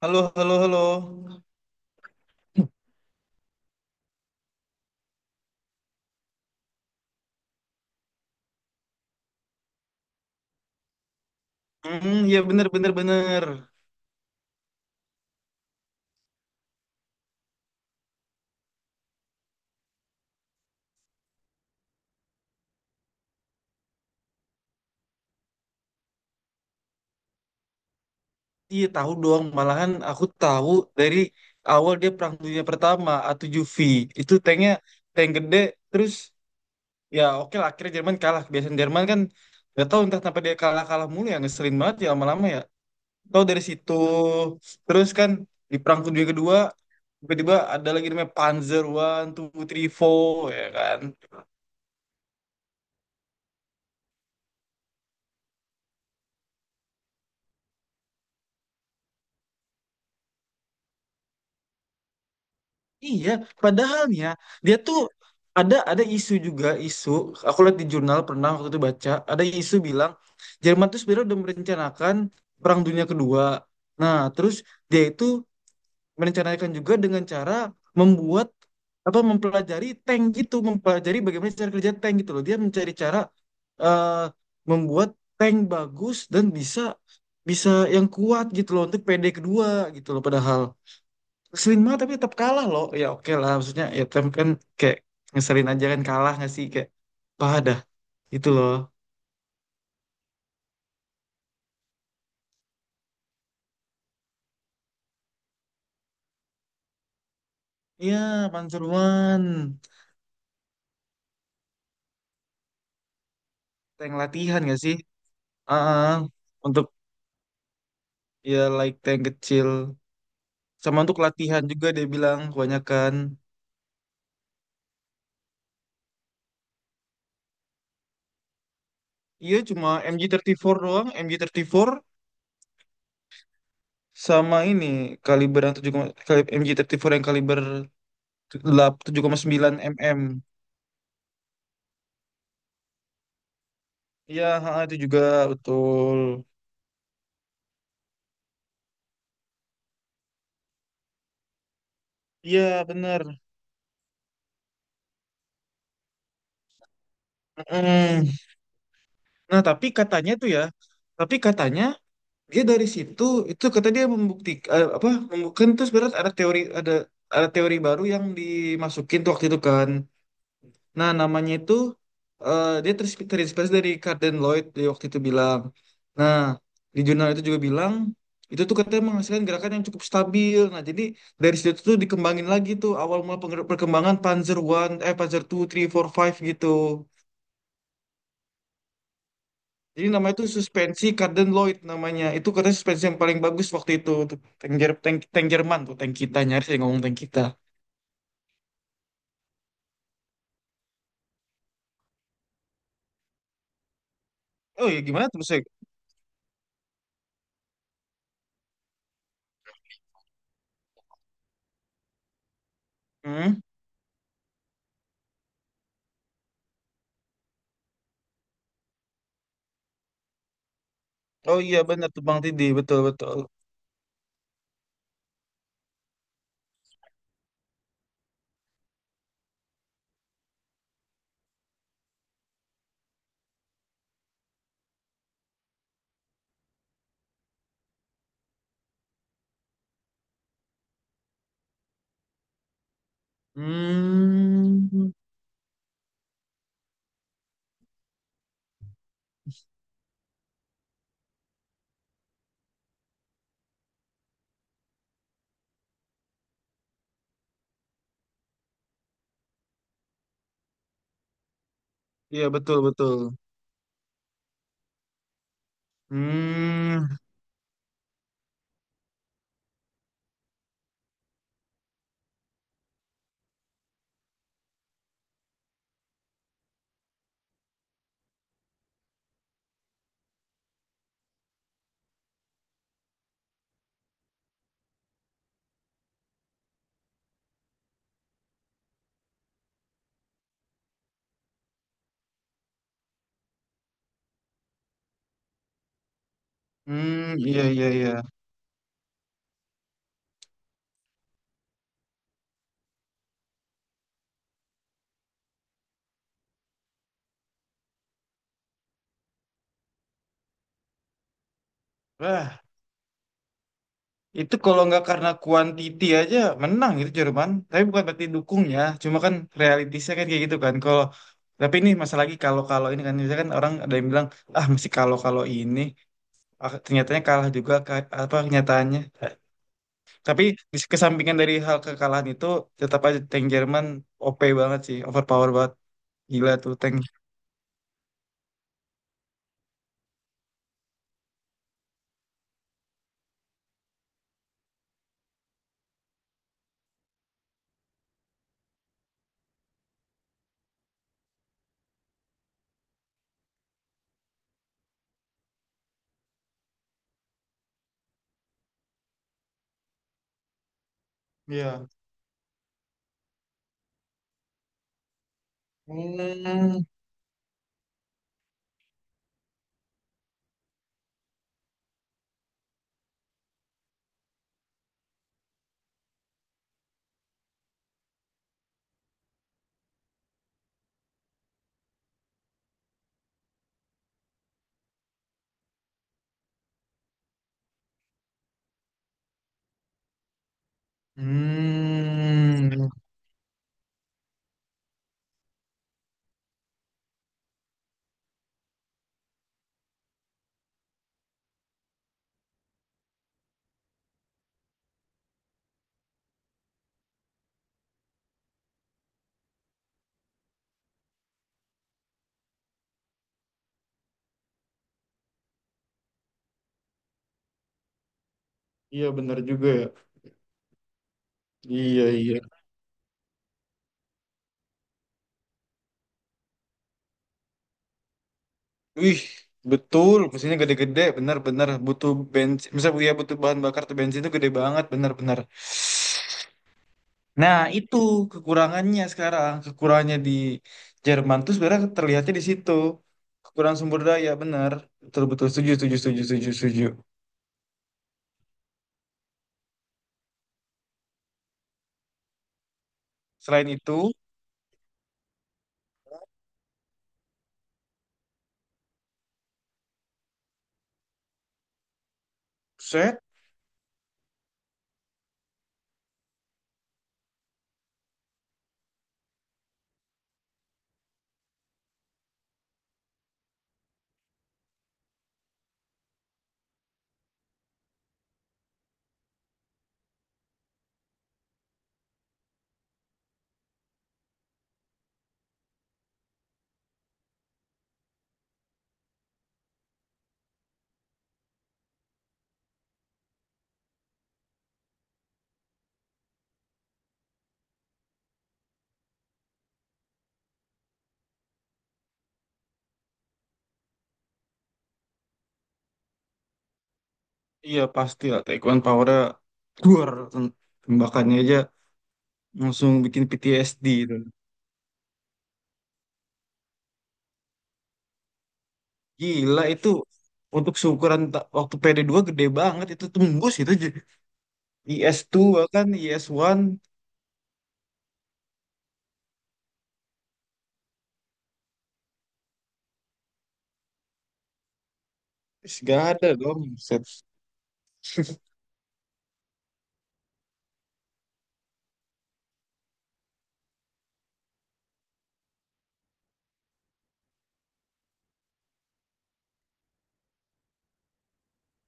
Halo, halo, halo. Hmm, ya bener, bener, bener. Iya tahu dong, malahan aku tahu dari awal dia Perang Dunia Pertama, A7V. Itu tanknya tank gede, terus ya oke lah akhirnya Jerman kalah. Kebiasaan Jerman kan gak tahu entah kenapa dia kalah-kalah mulu ya, ngeselin banget ya lama-lama ya. Tahu dari situ, terus kan di Perang Dunia Kedua, tiba-tiba ada lagi namanya Panzer One, Two, Three, Four, ya kan. Iya, padahalnya dia tuh ada isu juga isu. Aku lihat di jurnal pernah waktu itu baca ada isu bilang Jerman tuh sebenarnya udah merencanakan Perang Dunia Kedua. Nah, terus dia itu merencanakan juga dengan cara membuat apa mempelajari tank gitu, mempelajari bagaimana cara kerja tank gitu loh. Dia mencari cara eh, membuat tank bagus dan bisa bisa yang kuat gitu loh untuk PD kedua gitu loh padahal. Sering banget tapi tetap kalah loh. Ya oke lah maksudnya ya tapi kan kayak ngeselin aja kan kalah nggak sih kayak padah itu loh. Iya Panseruan tank latihan nggak sih? Ah, untuk ya like tank kecil sama untuk latihan juga dia bilang kebanyakan. Iya cuma mg empat doang mg empat sama ini kaliber yang 7, mg empat yang kaliber 7,9 mm. Iya ha, itu juga betul. Iya bener. Mm. Nah, tapi katanya tuh ya, tapi katanya dia dari situ itu kata dia membuktikan apa membuktikan terus berat ada teori ada teori baru yang dimasukin tuh waktu itu kan. Nah, namanya itu dia terinspirasi dari Carden Lloyd dia waktu itu bilang. Nah, di jurnal itu juga bilang itu tuh katanya menghasilkan gerakan yang cukup stabil. Nah, jadi dari situ tuh dikembangin lagi tuh awal mula perkembangan Panzer One eh Panzer Two, Three, Four, Five gitu. Jadi namanya itu suspensi Carden Lloyd namanya. Itu katanya suspensi yang paling bagus waktu itu. Tuh, tank, tank Jerman tuh, tank kita. Nyaris saya ngomong tank kita. Oh iya gimana tuh saya? Hmm? Oh iya benar tuh Bang Tidi betul betul. Hmm. Iya betul betul. Hmm. Hmm, iya iya iya. Wah, itu kalau nggak karena quantity aja menang itu Jerman. Tapi bukan berarti dukungnya, cuma kan realitasnya kan kayak gitu kan. Kalau tapi ini masalah lagi kalau kalau ini kan misalkan orang ada yang bilang ah mesti kalau kalau ini, ah, ternyatanya kalah juga ka- apa kenyataannya. Tapi di kesampingan dari hal kekalahan itu tetap aja tank Jerman OP banget sih, overpower banget. Gila tuh tank. Iya. Hmm. Hmm. Iya benar juga ya. Iya, iya. Wih, betul. Mesinnya gede-gede, benar-benar butuh bensin. Misalnya ya butuh bahan bakar tuh bensin itu gede banget, benar-benar. Nah, itu kekurangannya sekarang. Kekurangannya di Jerman tuh sebenarnya terlihatnya di situ. Kekurangan sumber daya, benar. Betul-betul setuju, setuju, setuju, setuju, setuju. Selain itu, set, iya pasti lah. Taekwondo powernya, duar, tembakannya aja langsung bikin PTSD itu. Gila itu untuk seukuran waktu PD dua gede banget itu tembus itu IS2 bahkan IS1, gak ada dong set.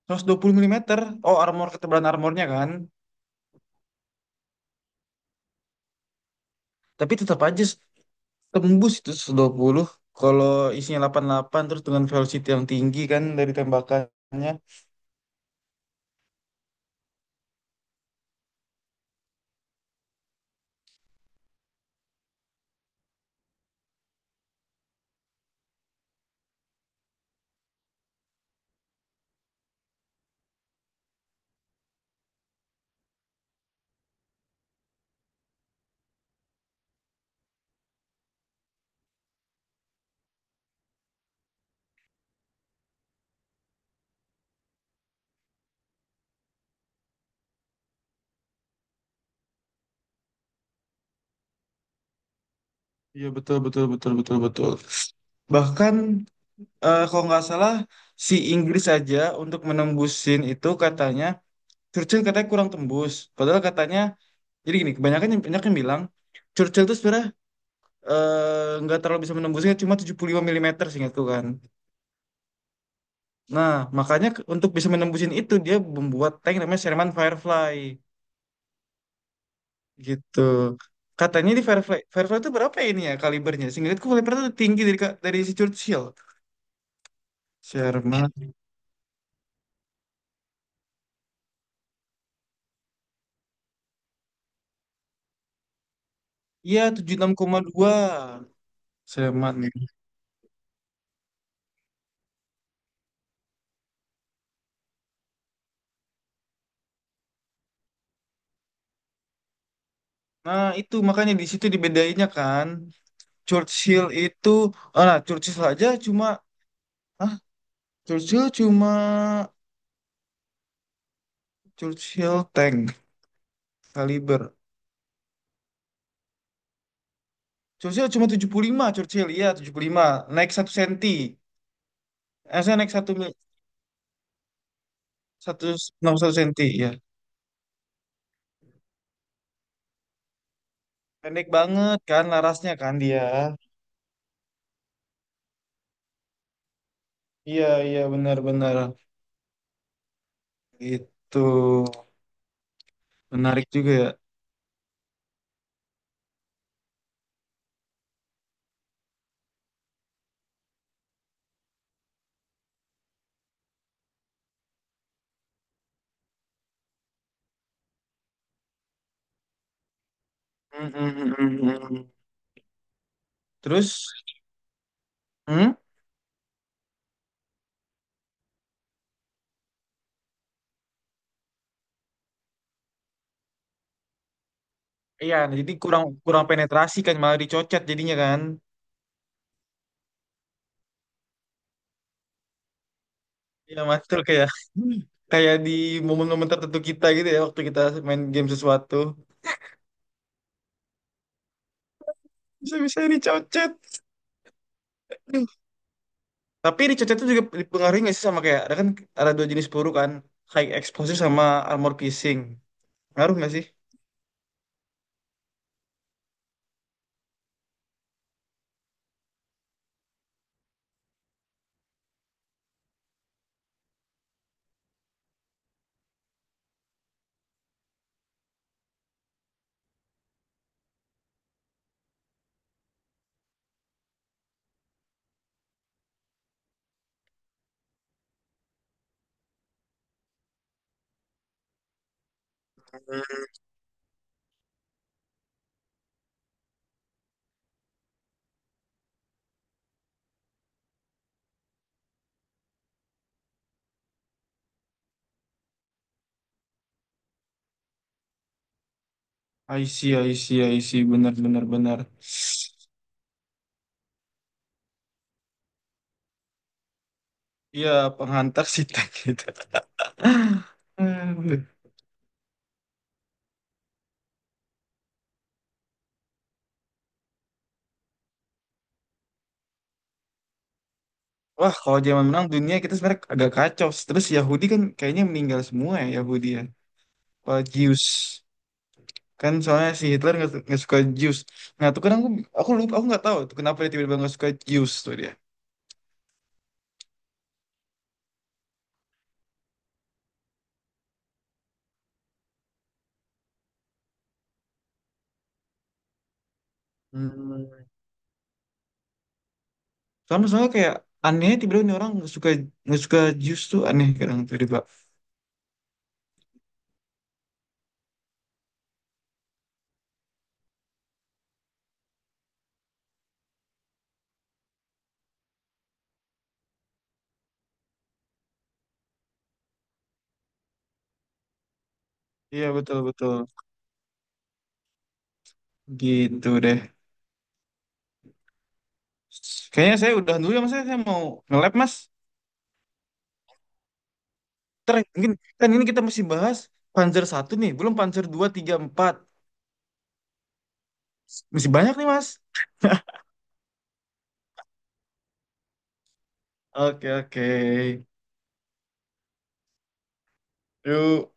120 mm, oh armor, ketebalan armornya kan tapi tetap aja tembus itu 120 kalau isinya 88 terus dengan velocity yang tinggi kan dari tembakannya. Iya betul betul betul betul betul bahkan kalau nggak salah si Inggris aja untuk menembusin itu katanya Churchill katanya kurang tembus. Padahal katanya, jadi gini, banyak yang bilang, Churchill itu sebenarnya nggak terlalu bisa menembusnya, cuma 75 mm seingatku kan. Nah, makanya untuk bisa menembusin itu, dia membuat tank namanya Sherman Firefly, gitu. Katanya di Firefly itu berapa ya ini ya kalibernya? Seingatku Firefly itu tinggi dari, dari si Churchill. Sherman, iya 76,2. Sherman. Iya. Nah, itu makanya di situ dibedainnya kan. Churchill itu, ah, nah, Churchill aja cuma, ah, Churchill cuma Churchill tank kaliber. Churchill cuma 75 Churchill, iya 75 naik satu senti. Eh, saya naik satu satu 61 senti, ya. Pendek banget kan larasnya kan dia. Iya, iya benar-benar. Itu menarik juga ya. Mm, mm, mm, mm, mm. Terus, hmm? Iya, jadi kurang kurang penetrasi kan malah dicocet jadinya kan. Iya mas tuh kayak kayak di momen-momen tertentu kita gitu ya waktu kita main game sesuatu bisa-bisa ini cocet. Tapi di cocet itu juga dipengaruhi nggak sih sama kayak ada kan ada dua jenis peluru kan high explosive sama armor piercing. Ngaruh nggak sih? I see, I see, I see. Benar, benar, benar. Iya, penghantar sih tank gitu. Hmm. Wah, kalau zaman menang dunia kita sebenarnya agak kacau. Terus Yahudi kan kayaknya meninggal semua ya Yahudi ya. Apa Zeus. Kan soalnya si Hitler nggak suka Jews. Nah tuh kadang aku lupa aku nggak tahu tuh kenapa dia tiba-tiba nggak suka Jews tuh dia. Hmm, sama soalnya kayak aneh ya tiba-tiba ini orang nggak suka Jews tuh aneh kadang tiba-tiba. Iya betul betul gitu deh kayaknya saya udah dulu ya mas saya mau nge-lab mas. Ntar mungkin kan ini kita masih bahas Panzer satu nih belum Panzer dua tiga empat masih banyak nih mas. Oke oke. Yuk.